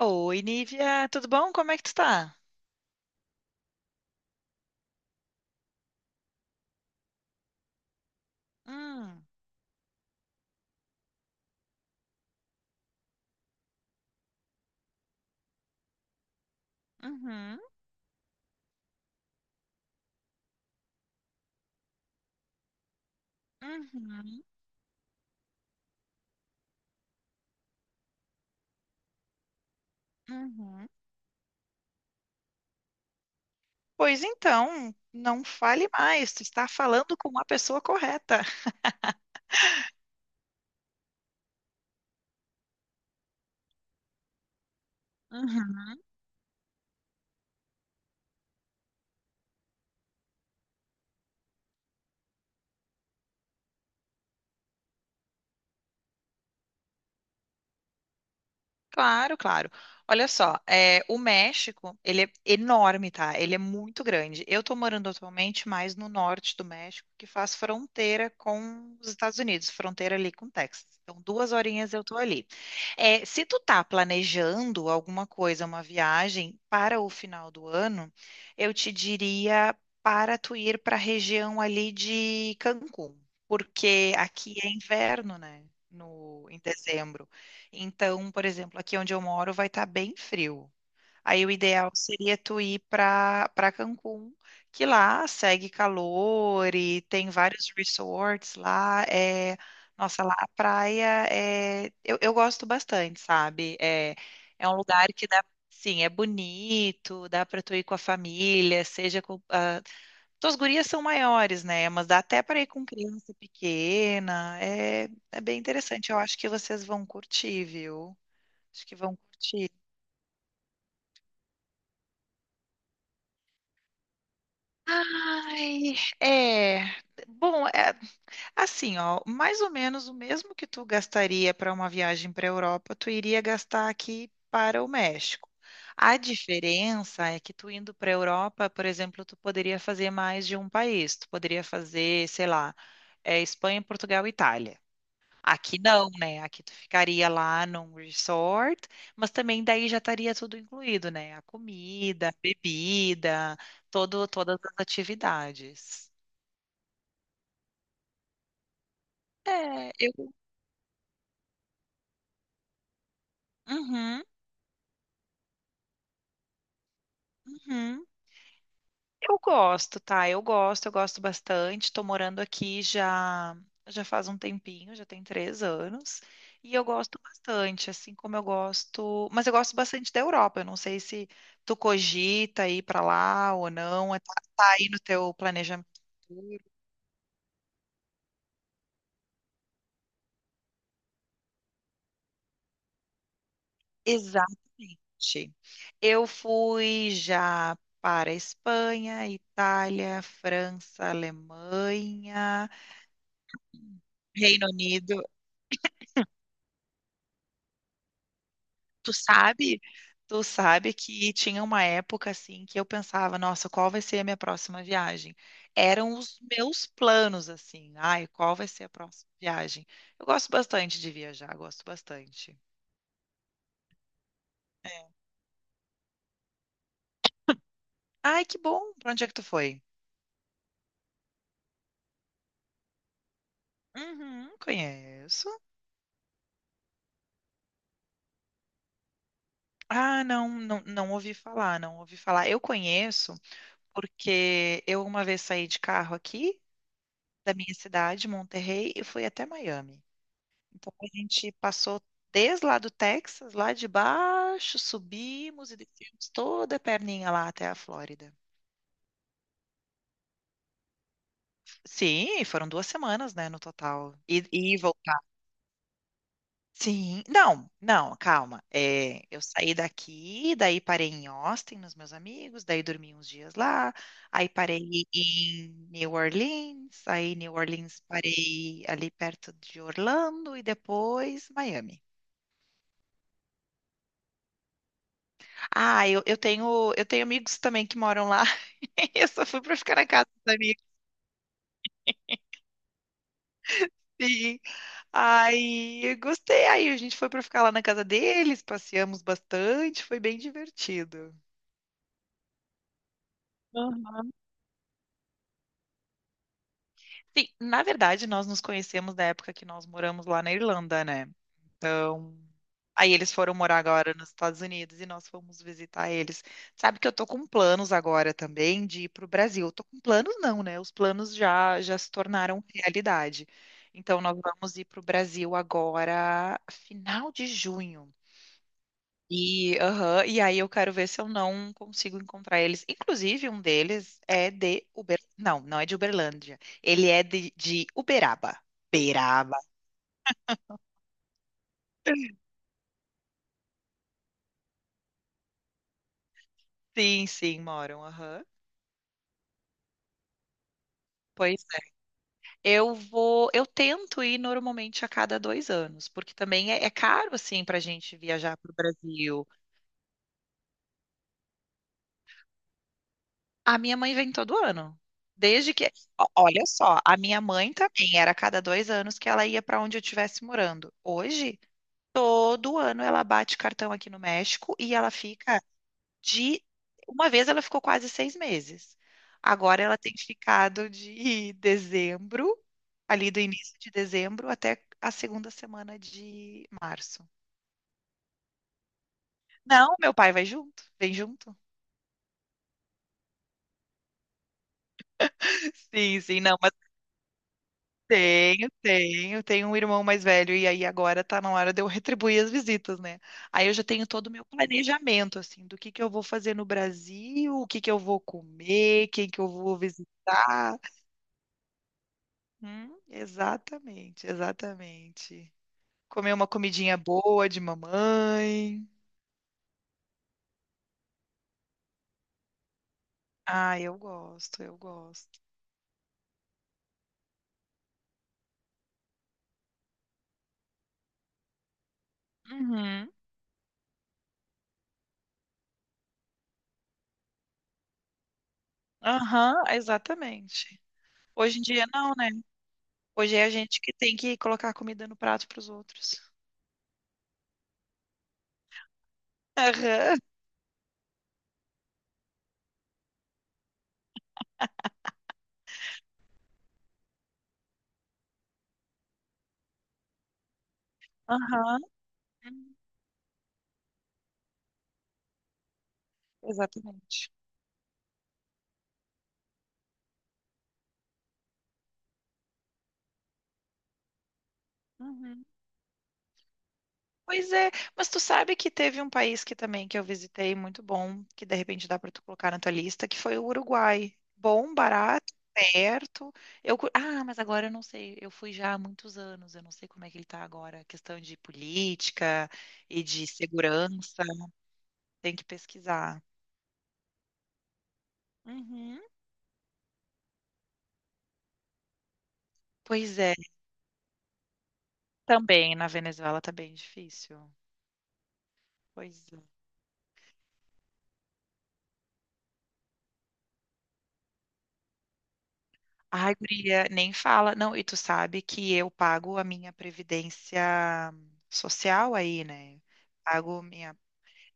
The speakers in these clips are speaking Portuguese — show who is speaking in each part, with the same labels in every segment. Speaker 1: Oi, Nívia, tudo bom? Como é que tu tá? Hum, uhum, uhum, uhum. Pois então, não fale mais, tu está falando com a pessoa correta. Uhum. Claro, claro. Olha só, o México, ele é enorme, tá? Ele é muito grande. Eu tô morando atualmente mais no norte do México, que faz fronteira com os Estados Unidos, fronteira ali com o Texas. Então, 2 horinhas eu tô ali. É, se tu tá planejando alguma coisa, uma viagem para o final do ano, eu te diria para tu ir para a região ali de Cancún, porque aqui é inverno, né? No, em dezembro. Então, por exemplo, aqui onde eu moro vai estar bem frio. Aí o ideal seria tu ir para Cancún, que lá segue calor e tem vários resorts lá. É, nossa, lá a praia é, eu gosto bastante, sabe? É, é um lugar que dá, sim, é bonito, dá para tu ir com a família, seja com tuas gurias são maiores, né? Mas dá até para ir com criança pequena. É, é bem interessante. Eu acho que vocês vão curtir, viu? Acho que vão curtir. Ai, é. Bom, é, assim, ó, mais ou menos o mesmo que tu gastaria para uma viagem para a Europa, tu iria gastar aqui para o México. A diferença é que tu indo para a Europa, por exemplo, tu poderia fazer mais de um país. Tu poderia fazer, sei lá, é, Espanha, Portugal e Itália. Aqui não, né? Aqui tu ficaria lá num resort, mas também daí já estaria tudo incluído, né? A comida, a bebida, todo, todas as atividades. É, eu. Uhum, uhum. Eu gosto, tá? Eu gosto bastante. Tô morando aqui já já faz um tempinho, já tem 3 anos. E eu gosto bastante, assim como eu gosto. Mas eu gosto bastante da Europa. Eu não sei se tu cogita ir pra lá ou não. Tá aí no teu planejamento. Exatamente. Eu fui já para Espanha, Itália, França, Alemanha. Reino Unido. Tu sabe, tu sabe que tinha uma época assim que eu pensava, nossa, qual vai ser a minha próxima viagem? Eram os meus planos assim. Ai, qual vai ser a próxima viagem? Eu gosto bastante de viajar, gosto bastante. É. Ai, que bom. Pra onde é que tu foi? Uhum, conheço. Ah, não, não, não ouvi falar, não ouvi falar. Eu conheço porque eu uma vez saí de carro aqui da minha cidade, Monterrey, e fui até Miami. Então a gente passou desde lá do Texas, lá de baixo, subimos e descemos toda a perninha lá até a Flórida. Sim, foram 2 semanas, né, no total. E voltar. Sim, não, não, calma. É, eu saí daqui, daí parei em Austin, nos meus amigos, daí dormi uns dias lá, aí parei em New Orleans, aí em New Orleans parei ali perto de Orlando e depois Miami. Ah, eu tenho, eu tenho amigos também que moram lá. Eu só fui pra ficar na casa dos amigos. Sim. Aí, eu gostei. Aí a gente foi pra ficar lá na casa deles, passeamos bastante, foi bem divertido. Aham. Sim, na verdade, nós nos conhecemos da época que nós moramos lá na Irlanda, né? Então, aí eles foram morar agora nos Estados Unidos e nós fomos visitar eles. Sabe que eu tô com planos agora também de ir pro Brasil. Tô com planos não, né? Os planos já já se tornaram realidade. Então nós vamos ir pro Brasil agora, final de junho. E, aham, e aí eu quero ver se eu não consigo encontrar eles. Inclusive, um deles é de Não, não é de Uberlândia. Ele é de Uberaba. Beraba. Sim, sim, moram. Aham. Pois é. Eu tento ir normalmente a cada 2 anos, porque também é caro assim para a gente viajar para o Brasil. A minha mãe vem todo ano, desde que, ó, olha só, a minha mãe também era a cada 2 anos que ela ia para onde eu estivesse morando. Hoje, todo ano ela bate cartão aqui no México e ela fica de uma vez ela ficou quase 6 meses. Agora ela tem ficado de dezembro, ali do início de dezembro até a segunda semana de março. Não, meu pai vai junto, vem junto. Sim, sim, não, mas tenho um irmão mais velho e aí agora tá na hora de eu retribuir as visitas, né? Aí eu já tenho todo o meu planejamento, assim, do que eu vou fazer no Brasil, o que que eu vou comer, quem que eu vou visitar. Exatamente, exatamente. Comer uma comidinha boa de mamãe. Ah, eu gosto, eu gosto. Uhum. Aham, exatamente. Hoje em dia não, né? Hoje é a gente que tem que colocar comida no prato para os outros. Aham, aham. Hum, exatamente. Uhum. Pois é, mas tu sabe que teve um país que também que eu visitei muito bom, que de repente dá para tu colocar na tua lista, que foi o Uruguai. Bom, barato, perto. Mas agora eu não sei, eu fui já há muitos anos, eu não sei como é que ele tá agora, questão de política e de segurança, tem que pesquisar. Uhum. Pois é, também na Venezuela tá bem difícil. Pois é. Ai, guria, nem fala. Não, e tu sabe que eu pago a minha previdência social aí, né? Pago minha.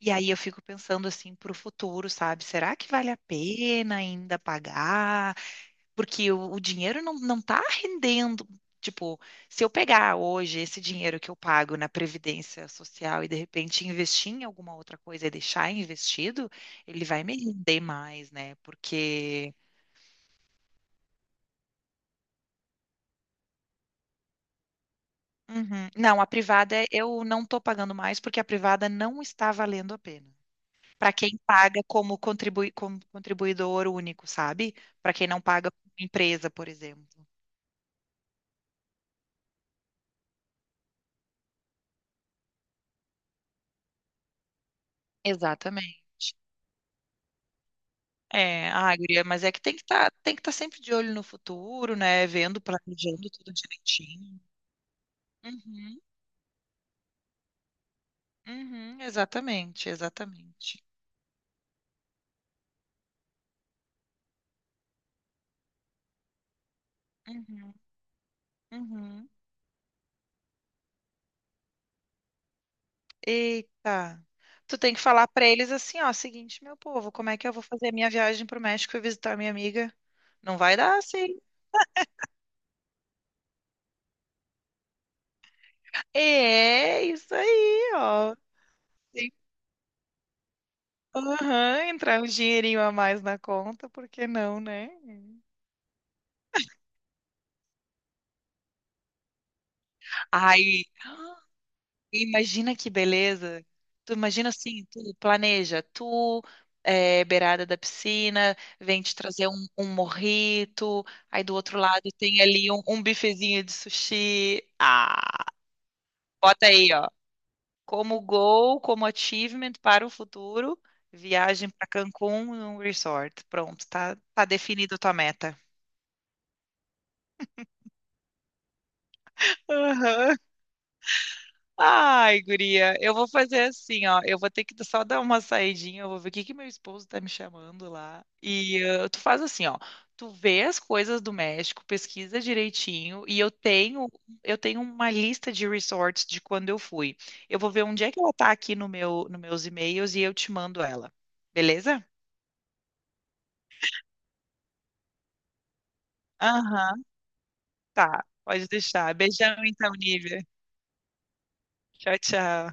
Speaker 1: E aí eu fico pensando assim pro futuro, sabe? Será que vale a pena ainda pagar? Porque o dinheiro não, não tá rendendo. Tipo, se eu pegar hoje esse dinheiro que eu pago na previdência social e de repente investir em alguma outra coisa e deixar investido, ele vai me render mais, né? Porque uhum. Não, a privada eu não estou pagando mais porque a privada não está valendo a pena. Para quem paga como, contribui, como contribuidor único, sabe? Para quem não paga como empresa, por exemplo. Exatamente. É, ah, guria, mas é que tem que estar sempre de olho no futuro, né? Vendo, planejando tudo direitinho. Uhum, uhum, exatamente, exatamente. Uhum, uhum. Eita. Tu tem que falar pra eles assim, ó, seguinte, meu povo, como é que eu vou fazer a minha viagem pro México e visitar minha amiga? Não vai dar assim. É isso aí, ó. Sim. Aham, entrar um dinheirinho a mais na conta, por que não, né? Ai, imagina que beleza. Tu imagina assim, tu planeja, tu é, beirada da piscina, vem te trazer um morrito, aí do outro lado tem ali um bifezinho de sushi. Ah. Bota aí, ó. Como goal, como achievement para o futuro, viagem para Cancún num resort. Pronto, tá, definido a tua meta. Aham. Ai, guria, eu vou fazer assim, ó. Eu vou ter que só dar uma saidinha, eu vou ver o que que meu esposo tá me chamando lá. E tu faz assim, ó. Tu vê as coisas do México, pesquisa direitinho, e eu tenho uma lista de resorts de quando eu fui. Eu vou ver onde é que ela tá aqui no meu nos meus e-mails e eu te mando ela. Beleza? Aham, tá. Pode deixar. Beijão então, Nívia. Tchau, tchau.